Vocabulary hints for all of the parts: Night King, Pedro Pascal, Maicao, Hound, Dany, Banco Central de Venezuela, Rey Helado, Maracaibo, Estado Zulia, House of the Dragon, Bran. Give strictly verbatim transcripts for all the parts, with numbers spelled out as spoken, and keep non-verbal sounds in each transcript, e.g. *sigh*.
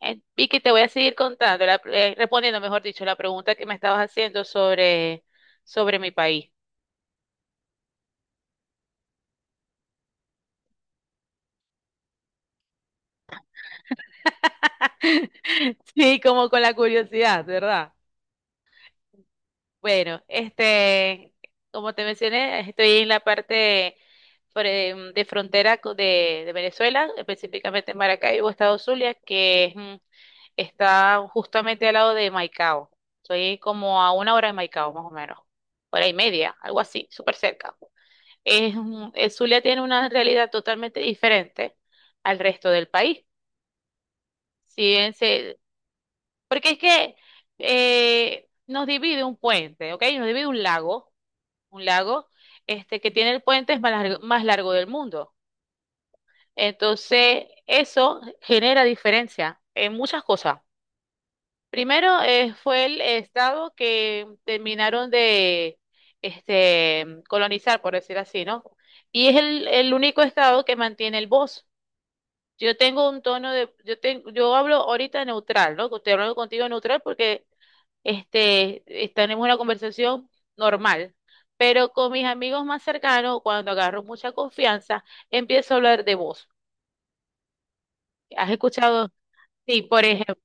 Eh, Vicky, te voy a seguir contando, la- eh, respondiendo, mejor dicho, la pregunta que me estabas haciendo sobre, sobre mi país. *laughs* Sí, como con la curiosidad, ¿verdad? Bueno, este, como te mencioné, estoy en la parte fre- de frontera co- de, de Venezuela, específicamente en Maracaibo, estado Zulia, que es, mm, está justamente al lado de Maicao. Estoy como a una hora de Maicao, más o menos, hora y media, algo así, súper cerca. es, un- el Zulia tiene una realidad totalmente diferente al resto del país. Si bien se- porque es que eh, nos divide un puente, ¿ok? Nos divide un lago, un lago este, que tiene el puente más largo, más largo del mundo. Entonces, eso genera diferencia en muchas cosas. Primero eh, fue el estado que terminaron de este, colonizar, por decir así, ¿no? Y es el, el único estado que mantiene el bosque. Yo tengo un tono de, yo tengo, yo hablo ahorita neutral, ¿no? Estoy hablando contigo neutral porque este, es- tenemos una conversación normal. Pero con mis amigos más cercanos, cuando agarro mucha confianza, empiezo a hablar de voz. ¿Has escuchado? Sí, por ejemplo,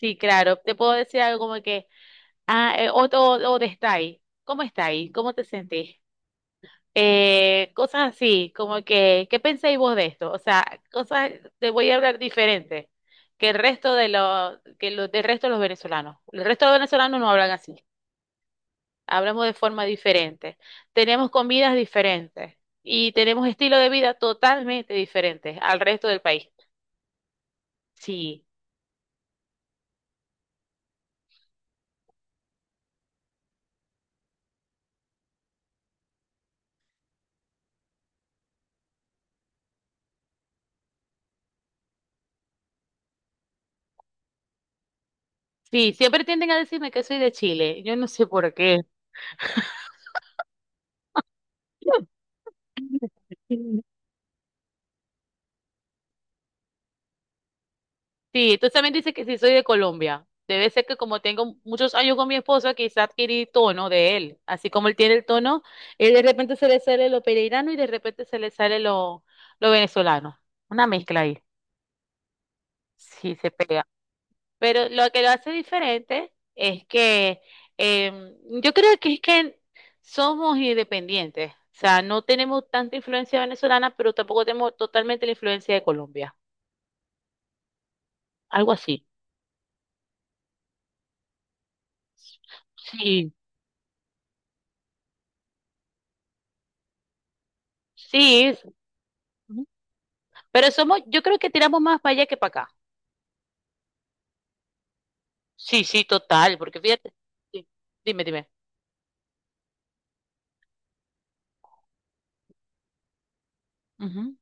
sí, claro. Te puedo decir algo como que, ah, eh, o, o, o de está ahí. ¿Cómo está ahí? ¿Cómo te sentís? eh, cosas así, como que, ¿qué pensáis vos de esto? O sea, cosas, te voy a hablar diferente que el resto de los, que los, del resto de los venezolanos. El resto de los venezolanos no hablan así, hablamos de forma diferente, tenemos comidas diferentes y tenemos estilo de vida totalmente diferentes al resto del país. Sí, sí, siempre tienden a decirme que soy de Chile, yo no sé por qué. *laughs* Sí, tú también dices que sí soy de Colombia. Debe ser que como tengo muchos años con mi esposo, quizá adquirí tono de él. Así como él tiene el tono, él de repente se le sale lo pereirano y de repente se le sale lo, lo venezolano. Una mezcla ahí. Sí, se pega. Pero lo que lo hace diferente es que em, yo creo que es que somos independientes. O sea, no tenemos tanta influencia venezolana, pero tampoco tenemos totalmente la influencia de Colombia. Algo así. Sí, sí. es- Pero somos, yo creo que tiramos más para allá que para acá. Sí, sí, total, porque fíjate. Sí, dime, dime. Ujú.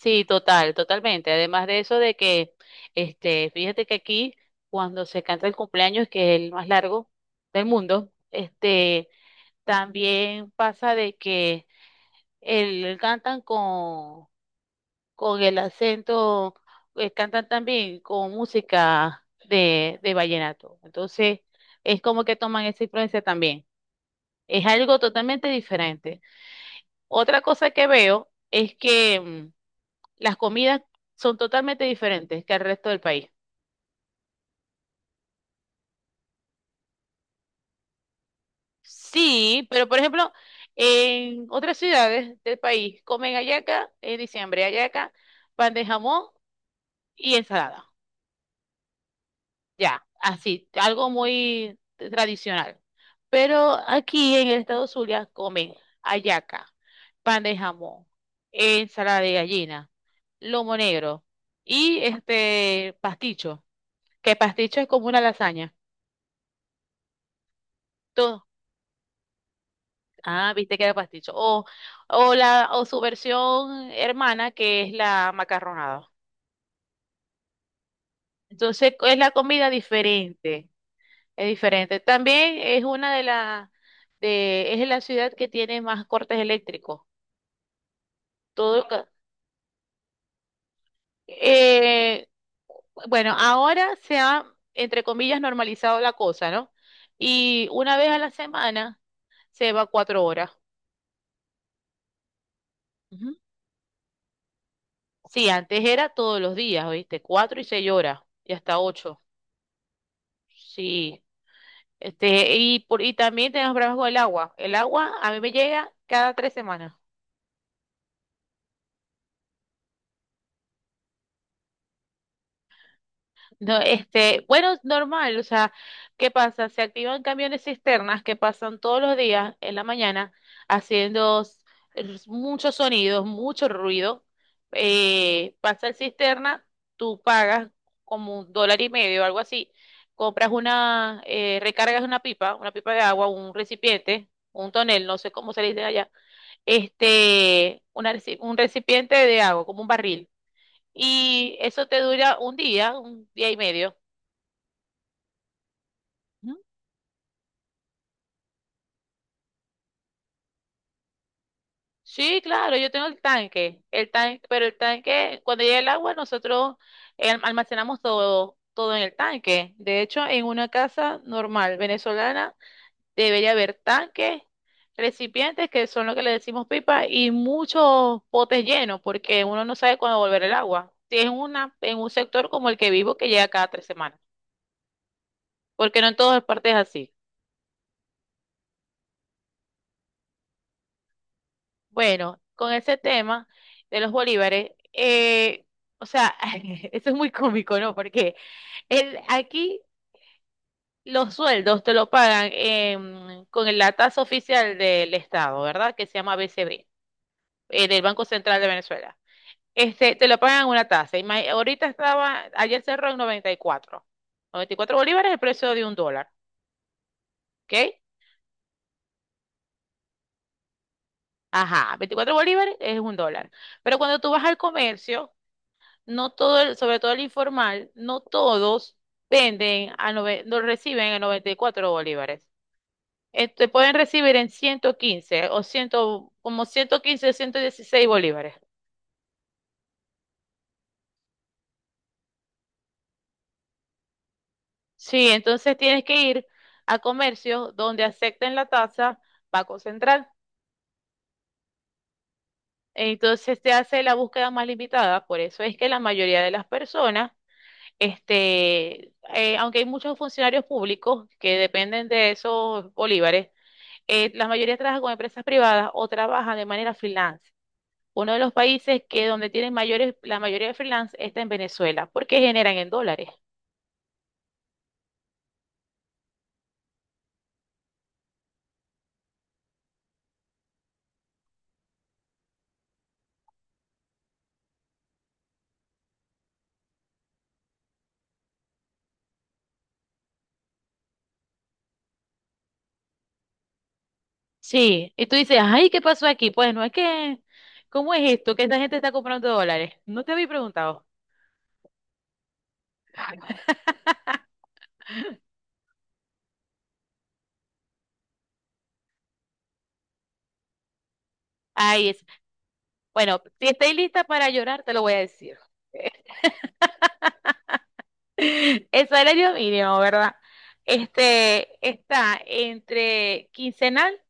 Sí, total, totalmente. Además de eso de que, este, fíjate que aquí, cuando se canta el cumpleaños, que es el más largo del mundo, este, también pasa de que el, cantan con, con el acento, eh, cantan también con música de, de vallenato. Entonces, es como que toman esa influencia también. Es algo totalmente diferente. Otra cosa que veo es que mm, las comidas son totalmente diferentes que el resto del país. Sí, pero por ejemplo, en otras ciudades del país comen hallaca en diciembre, hallaca, pan de jamón y ensalada. Ya, así, algo muy tradicional. Pero aquí en el estado Zulia comen hallaca, pan de jamón, ensalada de gallina, lomo negro y este pasticho, que pasticho es como una lasaña. Todo. Ah, viste que era pasticho. O, o la, o su versión hermana, que es la macarronada. Entonces, es la comida diferente. Es diferente. También es una de las de es la ciudad que tiene más cortes eléctricos. Todo ca- eh, bueno, ahora se ha entre comillas normalizado la cosa, ¿no? Y una vez a la semana se va cuatro horas. Ujú. Sí, antes era todos los días, ¿oíste? Cuatro y seis horas y hasta ocho. Sí. Este, y por, y también tenemos problemas con el agua. El agua a mí me llega cada tres semanas. No, este, bueno, es normal, o sea, ¿qué pasa? Se activan camiones cisternas que pasan todos los días en la mañana haciendo s- r- muchos sonidos, mucho ruido. Eh, pasa el cisterna, tú pagas como un dólar y medio o algo así, compras una, eh, recargas una pipa, una pipa de agua, un recipiente, un tonel, no sé cómo se le dice allá, este, una reci- un recipiente de agua, como un barril. Y eso te dura un día, un día y medio. Ujú. Sí, claro, yo tengo el tanque, el tanque, pero el tanque, cuando llega el agua, nosotros em, almacenamos todo, todo en el tanque. De hecho, en una casa normal venezolana debería haber tanques, recipientes, que son lo que le decimos pipa, y muchos potes llenos, porque uno no sabe cuándo volver el agua. Si es en una, en un sector como el que vivo, que llega cada tres semanas, porque no en todas partes es así. Bueno, con ese tema de los bolívares, eh, o sea, *laughs* eso es muy cómico, ¿no? Porque el, aquí los sueldos te lo pagan em, con la tasa oficial del Estado, ¿verdad? Que se llama B C B, eh, del Banco Central de Venezuela. Este, te lo pagan una tasa. Ima- Ahorita estaba, ayer cerró en noventa y cuatro. noventa y cuatro bolívares es el precio de un dólar, ¿ok? Ajá, veinticuatro bolívares es un dólar. Pero cuando tú vas al comercio no todo el- sobre todo el informal, no todos venden a nove- no reciben a noventa y cuatro bolívares. Este, pueden recibir en ciento quince o cien, como ciento quince ciento dieciséis bolívares. Sí, entonces tienes que ir a comercios donde acepten la tasa Banco Central. Entonces te hace la búsqueda más limitada, por eso es que la mayoría de las personas, este, eh, aunque hay muchos funcionarios públicos que dependen de esos bolívares, eh, la mayoría trabaja con empresas privadas o trabaja de manera freelance. Uno de los países que donde tienen mayores, la mayoría de freelance está en Venezuela, porque generan en dólares. Sí, y tú dices, ay, ¿qué pasó aquí? Pues no es que, ¿cómo es esto? Que esta gente está comprando dólares. No te había preguntado. Ay es. Bueno, si estáis lista para llorar, te lo voy a decir. *laughs* El salario mínimo, ¿verdad? Este está entre quincenal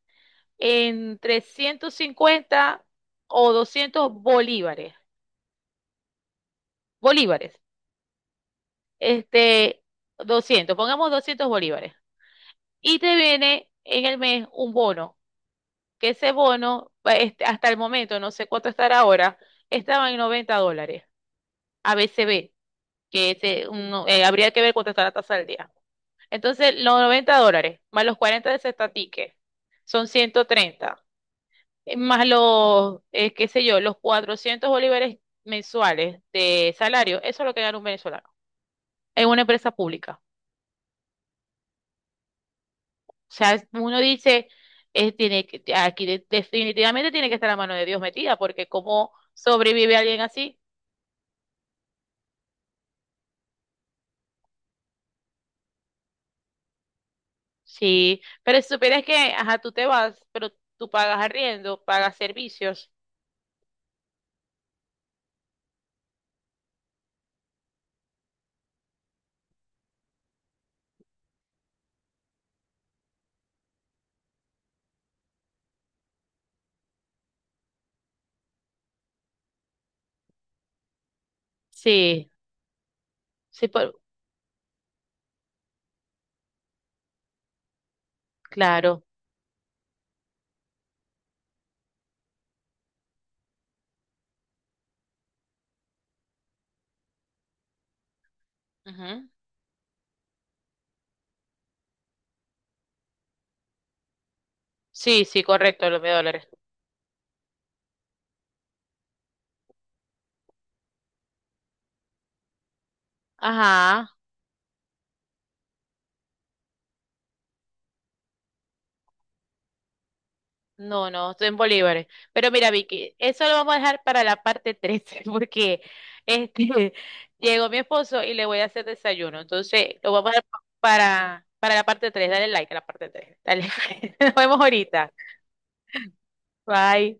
entre cincuenta o doscientos bolívares. Bolívares. Este, doscientos pongamos doscientos bolívares. Y te viene en el mes un bono, que ese bono, este, hasta el momento, no sé cuánto estará ahora, estaba en noventa dólares, a ABCB, que ese, uno- eh, habría que ver cuánto está la tasa del día. Entonces, los noventa dólares, más los cuarenta de ese estatique, son ciento treinta eh, más los, eh, qué sé yo, los cuatrocientos bolívares mensuales de salario, eso es lo que gana un venezolano en una empresa pública. O sea, uno dice, eh, tiene que- aquí de- definitivamente tiene que estar la mano de Dios metida, porque ¿cómo sobrevive alguien así? Sí, pero si supieras que, ajá, tú te vas, pero tú pagas arriendo, pagas servicios. Sí, sí, por- claro. Ujú. Sí, sí, correcto, los mil dólares. Ajá. No, no, estoy en bolívares. Pero mira, Vicky, eso lo vamos a dejar para la parte trece, porque este, *laughs* llegó mi esposo y le voy a hacer desayuno. Entonces, lo vamos a dejar para, para la parte tres. Dale like a la parte tres. Dale, *laughs* nos vemos ahorita. Bye.